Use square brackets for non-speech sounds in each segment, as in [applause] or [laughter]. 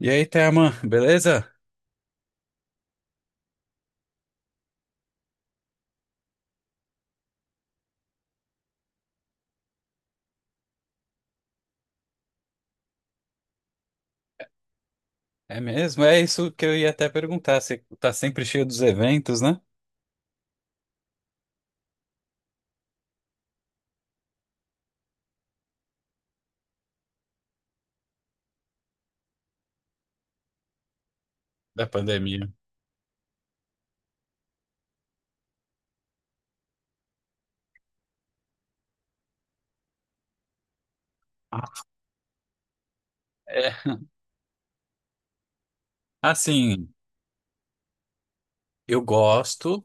E aí, Thelma, beleza? É mesmo? É isso que eu ia até perguntar. Você tá sempre cheio dos eventos, né? Da pandemia. Ah. É. Assim, eu gosto,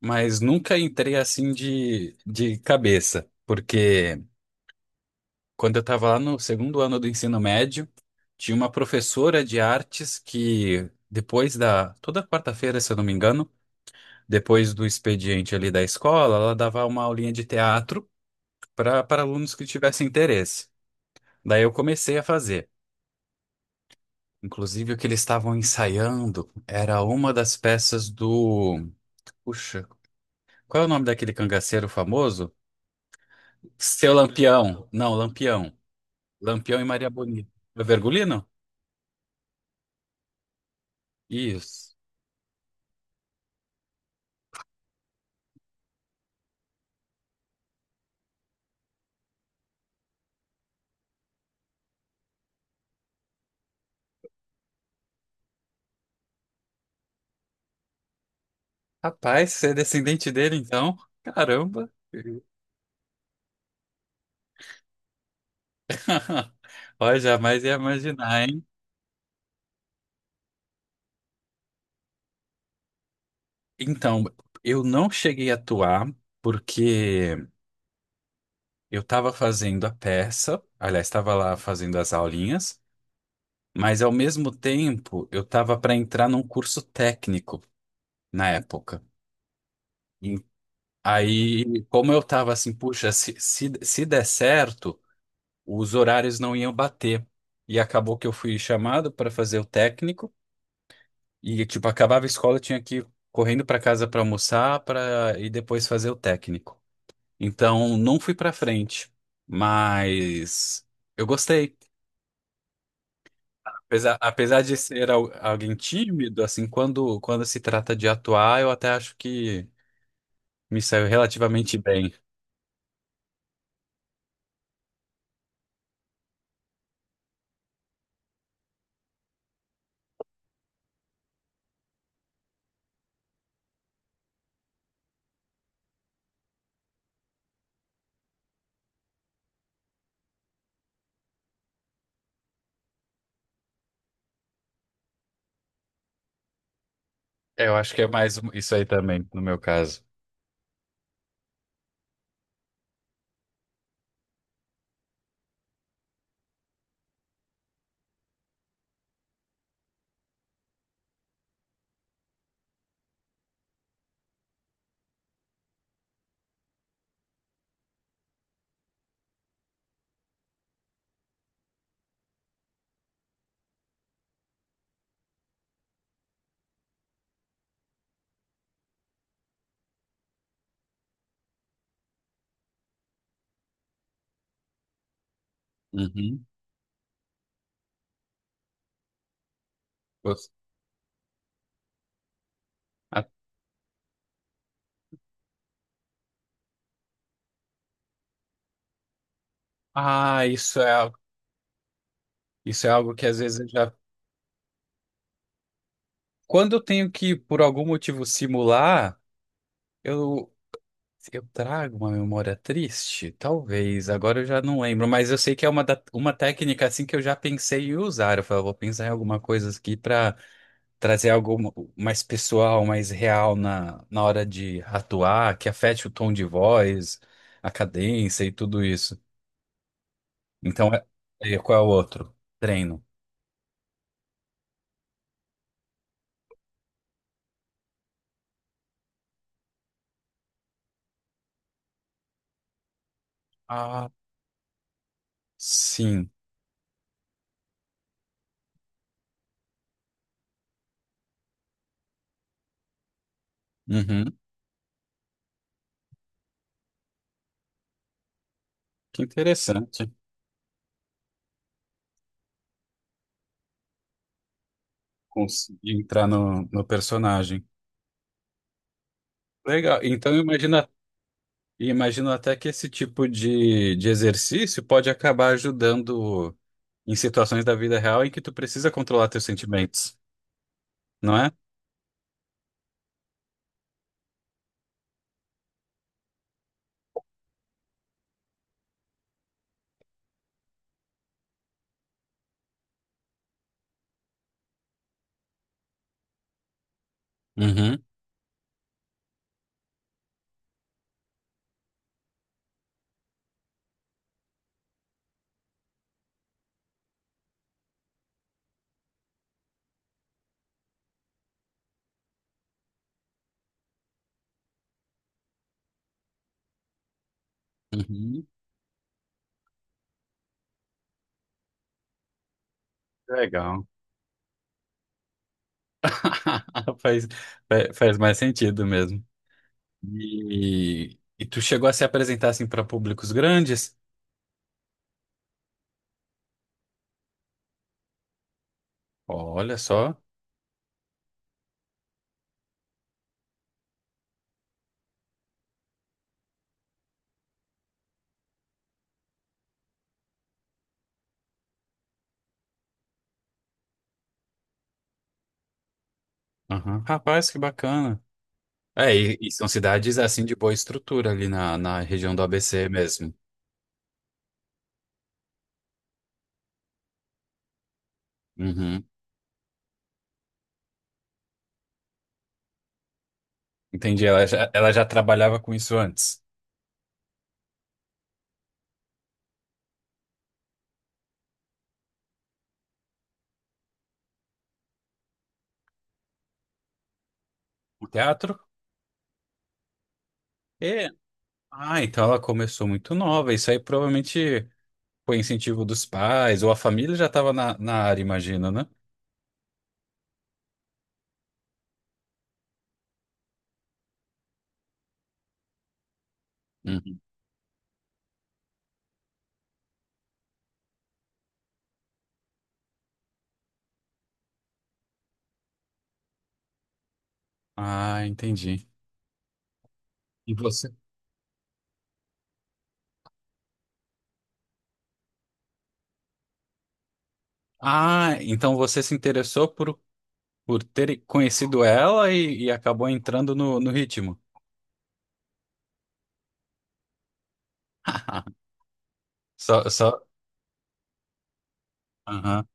mas nunca entrei assim de cabeça. Porque quando eu tava lá no segundo ano do ensino médio, tinha uma professora de artes que depois da Toda quarta-feira, se eu não me engano, depois do expediente ali da escola, ela dava uma aulinha de teatro para alunos que tivessem interesse. Daí eu comecei a fazer. Inclusive, o que eles estavam ensaiando era uma das peças do. Puxa, qual é o nome daquele cangaceiro famoso? Seu Lampião. Não, Lampião. Lampião e Maria Bonita. É Vergulino? Isso. Rapaz, você é descendente dele, então? Caramba! [laughs] Olha, jamais ia imaginar, hein? Então, eu não cheguei a atuar porque eu estava fazendo a peça, aliás, estava lá fazendo as aulinhas. Mas ao mesmo tempo, eu tava para entrar num curso técnico na época. E aí, como eu tava assim, puxa, se der certo, os horários não iam bater. E acabou que eu fui chamado para fazer o técnico e tipo acabava a escola, eu tinha que ir correndo para casa para almoçar, para e depois fazer o técnico. Então, não fui para frente, mas eu gostei. Apesar de ser alguém tímido, assim, quando se trata de atuar, eu até acho que me saiu relativamente bem. Eu acho que é mais isso aí também, no meu caso. Uhum. Gost- a- isso é, isso é algo que às vezes eu já. Quando eu tenho que, por algum motivo, simular, eu, eu trago uma memória triste? Talvez, agora eu já não lembro, mas eu sei que é uma, uma técnica assim que eu já pensei em usar. Eu falei, eu vou pensar em alguma coisa aqui para trazer algo mais pessoal, mais real na hora de atuar, que afete o tom de voz, a cadência e tudo isso. Então, qual é o outro? Treino. Ah, sim. Uhum. Que interessante. Conseguir entrar no personagem. Legal. Então, imagino até que esse tipo de exercício pode acabar ajudando em situações da vida real em que tu precisa controlar teus sentimentos, não é? Uhum. Uhum. Legal. [laughs] Faz, faz mais sentido mesmo. E tu chegou a se apresentar assim para públicos grandes? Olha só. Aham. Rapaz, que bacana. É, e são cidades assim de boa estrutura ali na região do ABC mesmo. Uhum. Entendi, ela já trabalhava com isso antes. O teatro? É. Ah, então ela começou muito nova. Isso aí provavelmente foi incentivo dos pais, ou a família já estava na área, imagina, né? Uhum. Ah, entendi. E você? Ah, então você se interessou por ter conhecido ela e acabou entrando no ritmo. [laughs] Só. Aham.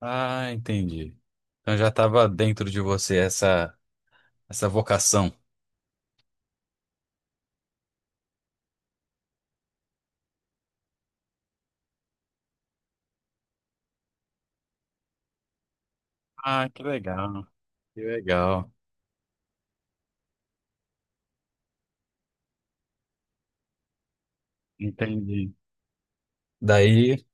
Ah, entendi. Então já estava dentro de você essa vocação. Ah, que legal. Que legal. Entendi. Daí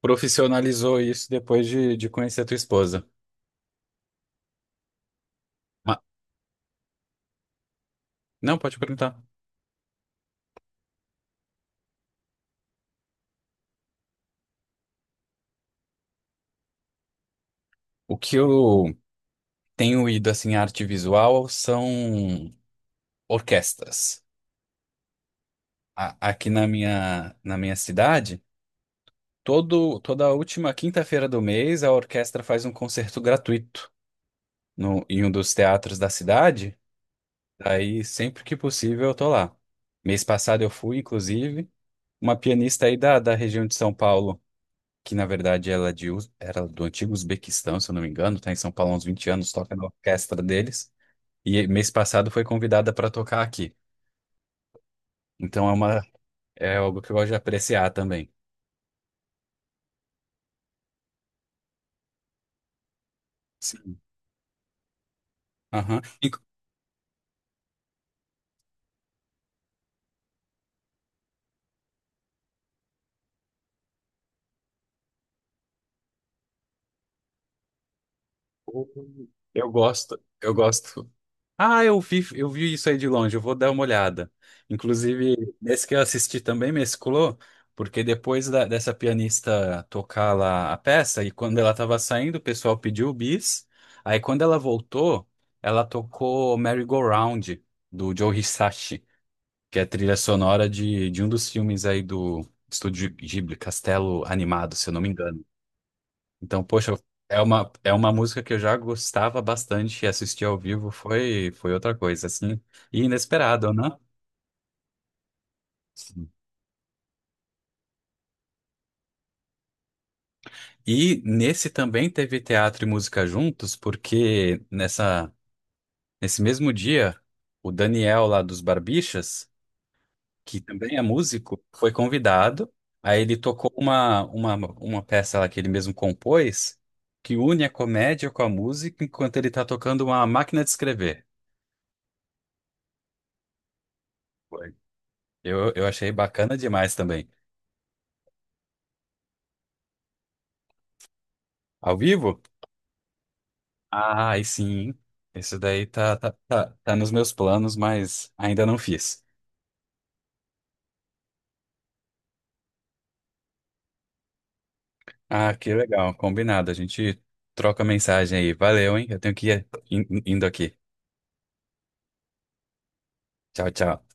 profissionalizou isso depois de conhecer a tua esposa. Ma- não, pode perguntar. O que eu tenho ido assim, em arte visual são orquestras. Aqui na minha cidade. Toda a última quinta-feira do mês, a orquestra faz um concerto gratuito no, em um dos teatros da cidade. Daí, sempre que possível, eu tô lá. Mês passado eu fui, inclusive, uma pianista aí da região de São Paulo, que na verdade ela é de, era do antigo Uzbequistão, se eu não me engano, tá em São Paulo há uns 20 anos, toca na orquestra deles. E mês passado foi convidada para tocar aqui. Então é uma, é algo que eu gosto de apreciar também. Sim. Aham. E- eu gosto. Ah, eu vi isso aí de longe, eu vou dar uma olhada. Inclusive, nesse que eu assisti também mesclou, porque depois dessa pianista tocar lá a peça, e quando ela estava saindo, o pessoal pediu o bis. Aí quando ela voltou, ela tocou Merry Go Round, do Joe Hisashi, que é a trilha sonora de um dos filmes aí do Estúdio Ghibli, Castelo Animado, se eu não me engano. Então, poxa, é uma música que eu já gostava bastante e assistir ao vivo foi, foi outra coisa, assim, e inesperado, né? Sim. E nesse também teve teatro e música juntos, porque nessa, nesse mesmo dia, o Daniel lá dos Barbixas, que também é músico, foi convidado. Aí ele tocou uma peça lá que ele mesmo compôs, que une a comédia com a música, enquanto ele está tocando uma máquina de escrever. Foi. Eu achei bacana demais também. Ao vivo? Ah, aí sim. Isso daí tá nos meus planos, mas ainda não fiz. Ah, que legal. Combinado. A gente troca mensagem aí. Valeu, hein? Eu tenho que ir indo aqui. Tchau, tchau.